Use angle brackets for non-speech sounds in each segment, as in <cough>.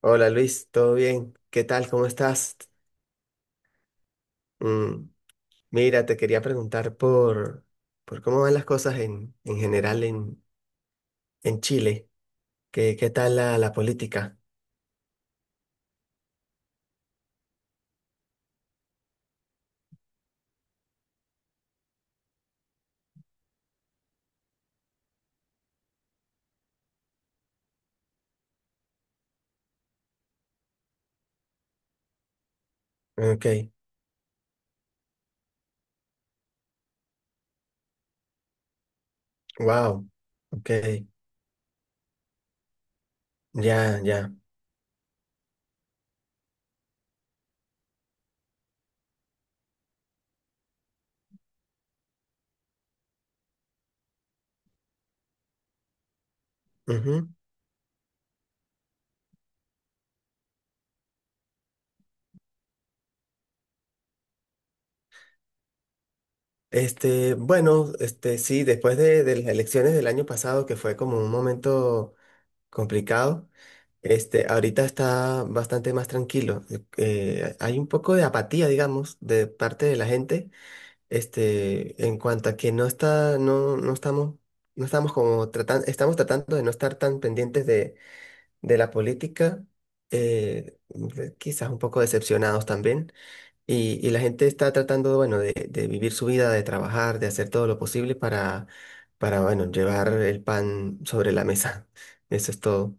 Hola Luis, ¿todo bien? ¿Qué tal? ¿Cómo estás? Mm, mira, te quería preguntar por cómo van las cosas en general en Chile. ¿Qué, qué tal la política? Ok, wow, ok, ya, ya. Ujú. Bueno, este, sí, después de las elecciones del año pasado, que fue como un momento complicado, este, ahorita está bastante más tranquilo. Hay un poco de apatía, digamos, de parte de la gente. Este, en cuanto a que no no estamos, no estamos como tratando, estamos tratando de no estar tan pendientes de la política, quizás un poco decepcionados también. Y la gente está tratando, bueno, de vivir su vida, de trabajar, de hacer todo lo posible bueno, llevar el pan sobre la mesa. <laughs> Eso es todo.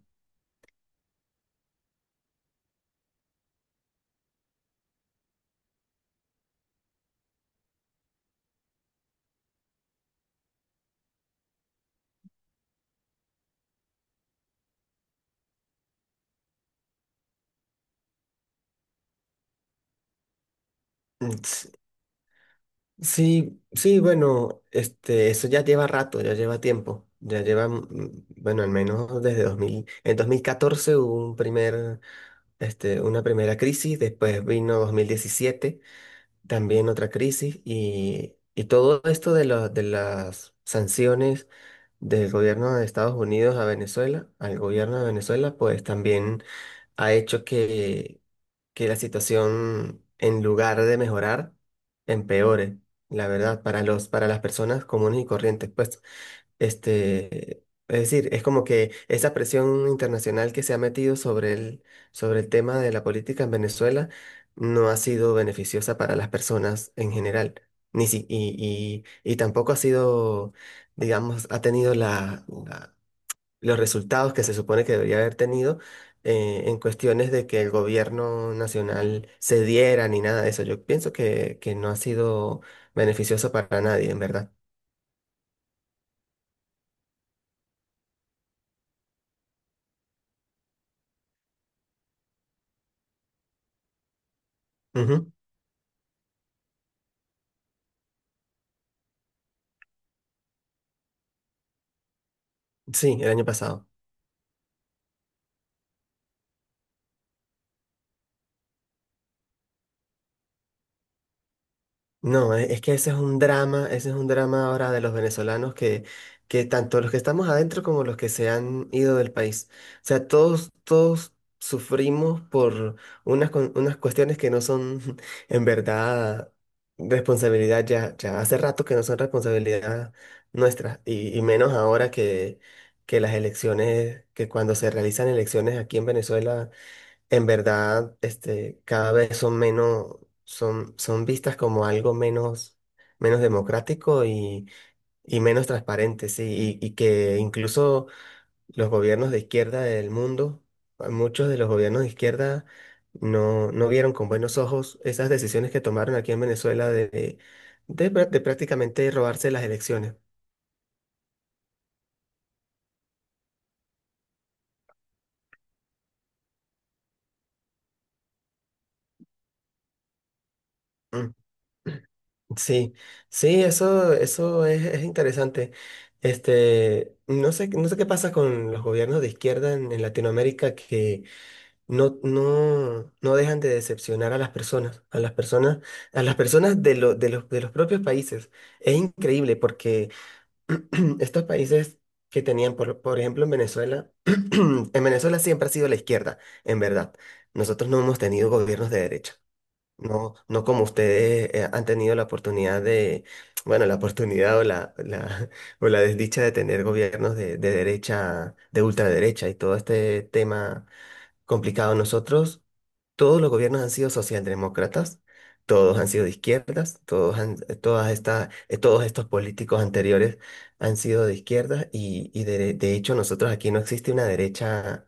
Mm, Sí, sí, bueno, este, eso ya lleva rato, ya lleva tiempo, ya lleva, bueno, al menos en 2014 hubo un primer, este, una primera crisis, después vino 2017, también otra crisis, y todo esto de de las sanciones del gobierno de Estados Unidos a Venezuela, al gobierno de Venezuela, pues también ha hecho que la situación, en lugar de mejorar, empeore, la verdad, para para las personas comunes y corrientes. Pues, este, es decir, es como que esa presión internacional que se ha metido sobre sobre el tema de la política en Venezuela no ha sido beneficiosa para las personas en general. Ni si, y tampoco ha sido, digamos, ha tenido los resultados que se supone que debería haber tenido en cuestiones de que el gobierno nacional cediera ni nada de eso. Yo pienso que no ha sido beneficioso para nadie, en verdad. Ujú. Sí, el año pasado. No, es que ese es un drama, ese es un drama ahora de los venezolanos que tanto los que estamos adentro como los que se han ido del país. O sea, todos, todos sufrimos por unas, unas cuestiones que no son <laughs> en verdad responsabilidad ya, ya hace rato que no son responsabilidad nuestra y menos ahora que las elecciones, que cuando se realizan elecciones aquí en Venezuela en verdad, este, cada vez son menos, son vistas como algo menos, menos democrático y menos transparente, sí, y que incluso los gobiernos de izquierda del mundo, muchos de los gobiernos de izquierda no vieron con buenos ojos esas decisiones que tomaron aquí en Venezuela de de prácticamente robarse las elecciones. Mm. Sí, sí, eso es interesante. Este, no sé, no sé qué pasa con los gobiernos de izquierda en Latinoamérica que no dejan de decepcionar a las personas, a las personas, a las personas de, de los propios países. Es increíble porque <clears throat> estos países que tenían, por ejemplo, en Venezuela, <clears throat> en Venezuela siempre ha sido la izquierda, en verdad. Nosotros no hemos tenido gobiernos de derecha. No, no como ustedes han tenido la oportunidad de, bueno, la oportunidad o <laughs> o la desdicha de tener gobiernos de derecha, de ultraderecha y todo este tema complicado. Nosotros, todos los gobiernos han sido socialdemócratas, todos han sido de izquierdas, todos han, todas estas, todos estos políticos anteriores han sido de izquierdas de hecho nosotros aquí no existe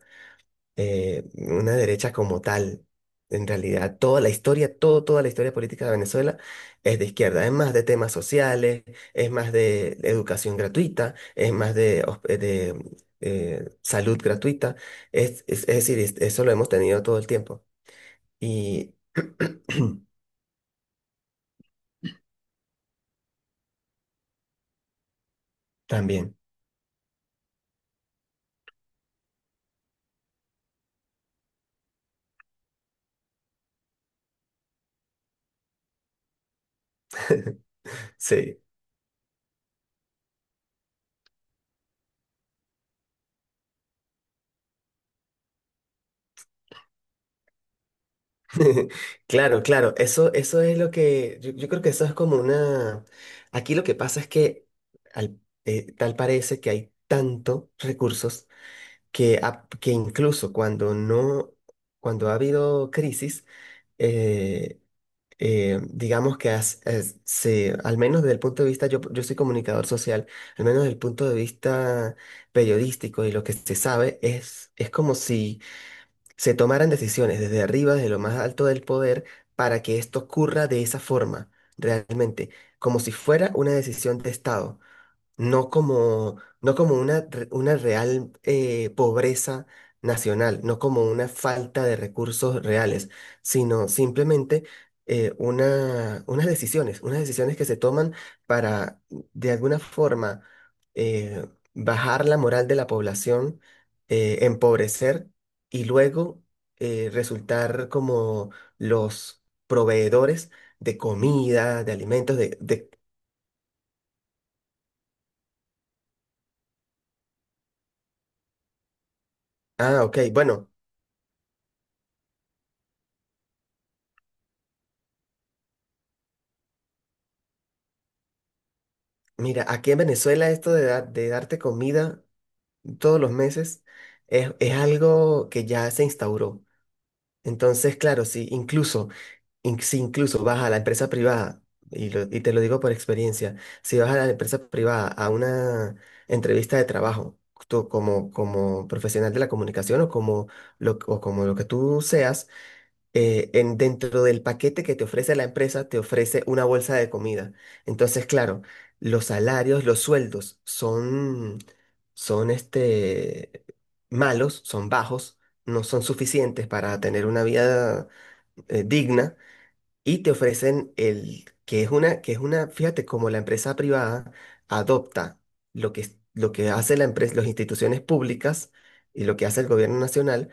una derecha como tal. En realidad, toda la historia, todo, toda la historia política de Venezuela es de izquierda. Es más de temas sociales, es más de educación gratuita, es más de, de, salud gratuita. Es decir, eso lo hemos tenido todo el tiempo. Y <clears throat> también, sí. <laughs> Claro, claro, eso es lo que, yo creo que eso es como una, aquí lo que pasa es que al- tal parece que hay tantos recursos que incluso cuando no, cuando ha habido crisis, eh, digamos que al menos desde el punto de vista, yo soy comunicador social, al menos desde el punto de vista periodístico y lo que se sabe es como si se tomaran decisiones desde arriba, desde lo más alto del poder, para que esto ocurra de esa forma, realmente, como si fuera una decisión de Estado. No como, no como una, una real pobreza nacional, no como una falta de recursos reales, sino simplemente una, unas decisiones que se toman para, de alguna forma, eh, bajar la moral de la población, empobrecer y luego resultar como los proveedores de comida, de alimentos, de... Ah, ok, bueno. Mira, aquí en Venezuela esto de, de darte comida todos los meses es algo que ya se instauró. Entonces, claro, si incluso, si incluso vas a la empresa privada, y, y te lo digo por experiencia, si vas a la empresa privada a una entrevista de trabajo, tú como, como profesional de la comunicación o como o como lo que tú seas, en, dentro del paquete que te ofrece la empresa, te ofrece una bolsa de comida. Entonces, claro, los salarios, los sueldos son, son este, malos, son bajos, no son suficientes para tener una vida digna y te ofrecen el, que es una, fíjate, como la empresa privada adopta lo que, lo que hace la empresa, las instituciones públicas y lo que hace el gobierno nacional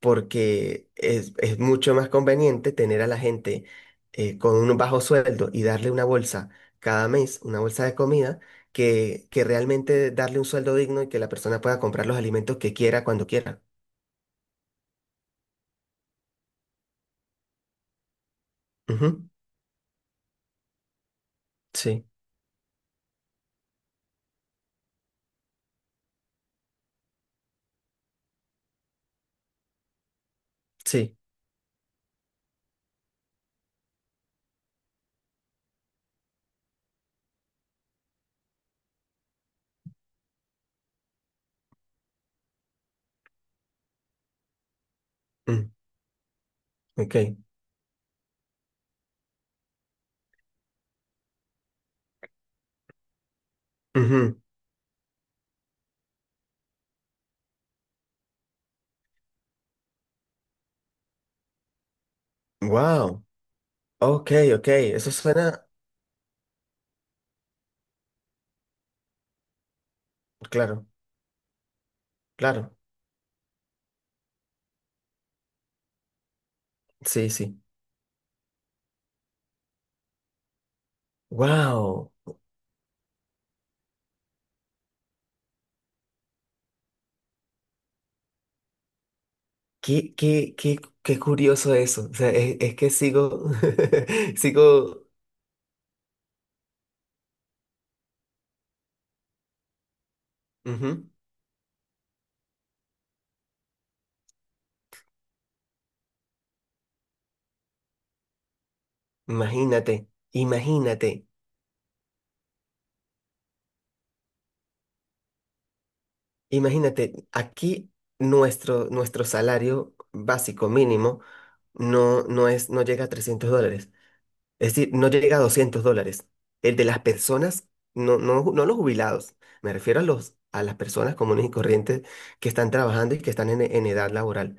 porque es mucho más conveniente tener a la gente con un bajo sueldo y darle una bolsa cada mes, una bolsa de comida, que realmente darle un sueldo digno y que la persona pueda comprar los alimentos que quiera cuando quiera. Ujú, sí, sí. Mm, ok. Wow. Ok, ok. Eso suena. Claro, claro. Sí, sí. Wow. Qué, qué, qué, qué curioso eso. O sea, es que sigo, <laughs> sigo. Ujú. Imagínate, imagínate, imagínate, aquí nuestro, nuestro salario básico mínimo no es, no llega a $300, es decir, no llega a $200. El de las personas, no los jubilados, me refiero a los, a las personas comunes y corrientes que están trabajando y que están en edad laboral.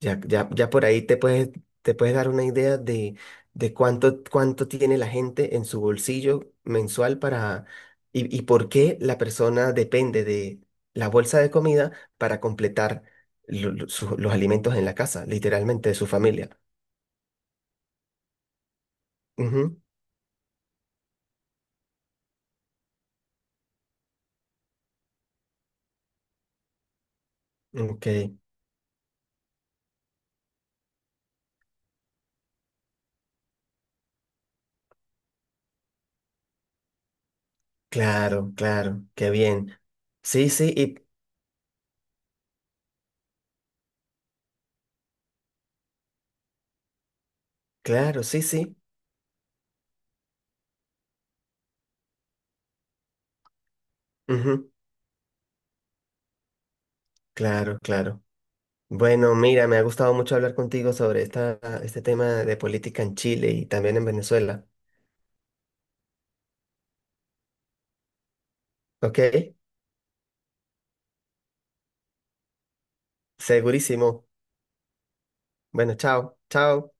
Ya, ya, ya por ahí te puedes dar una idea de cuánto, cuánto tiene la gente en su bolsillo mensual para, y por qué la persona depende de la bolsa de comida para completar los alimentos en la casa, literalmente, de su familia. Ujú, ok, claro, claro, qué bien. Sí, sí, y claro, sí, sí. Ujú, claro, claro. Bueno, mira, me ha gustado mucho hablar contigo sobre esta, este tema de política en Chile y también en Venezuela. ¿Ok? Segurísimo. Bueno, chao, chao.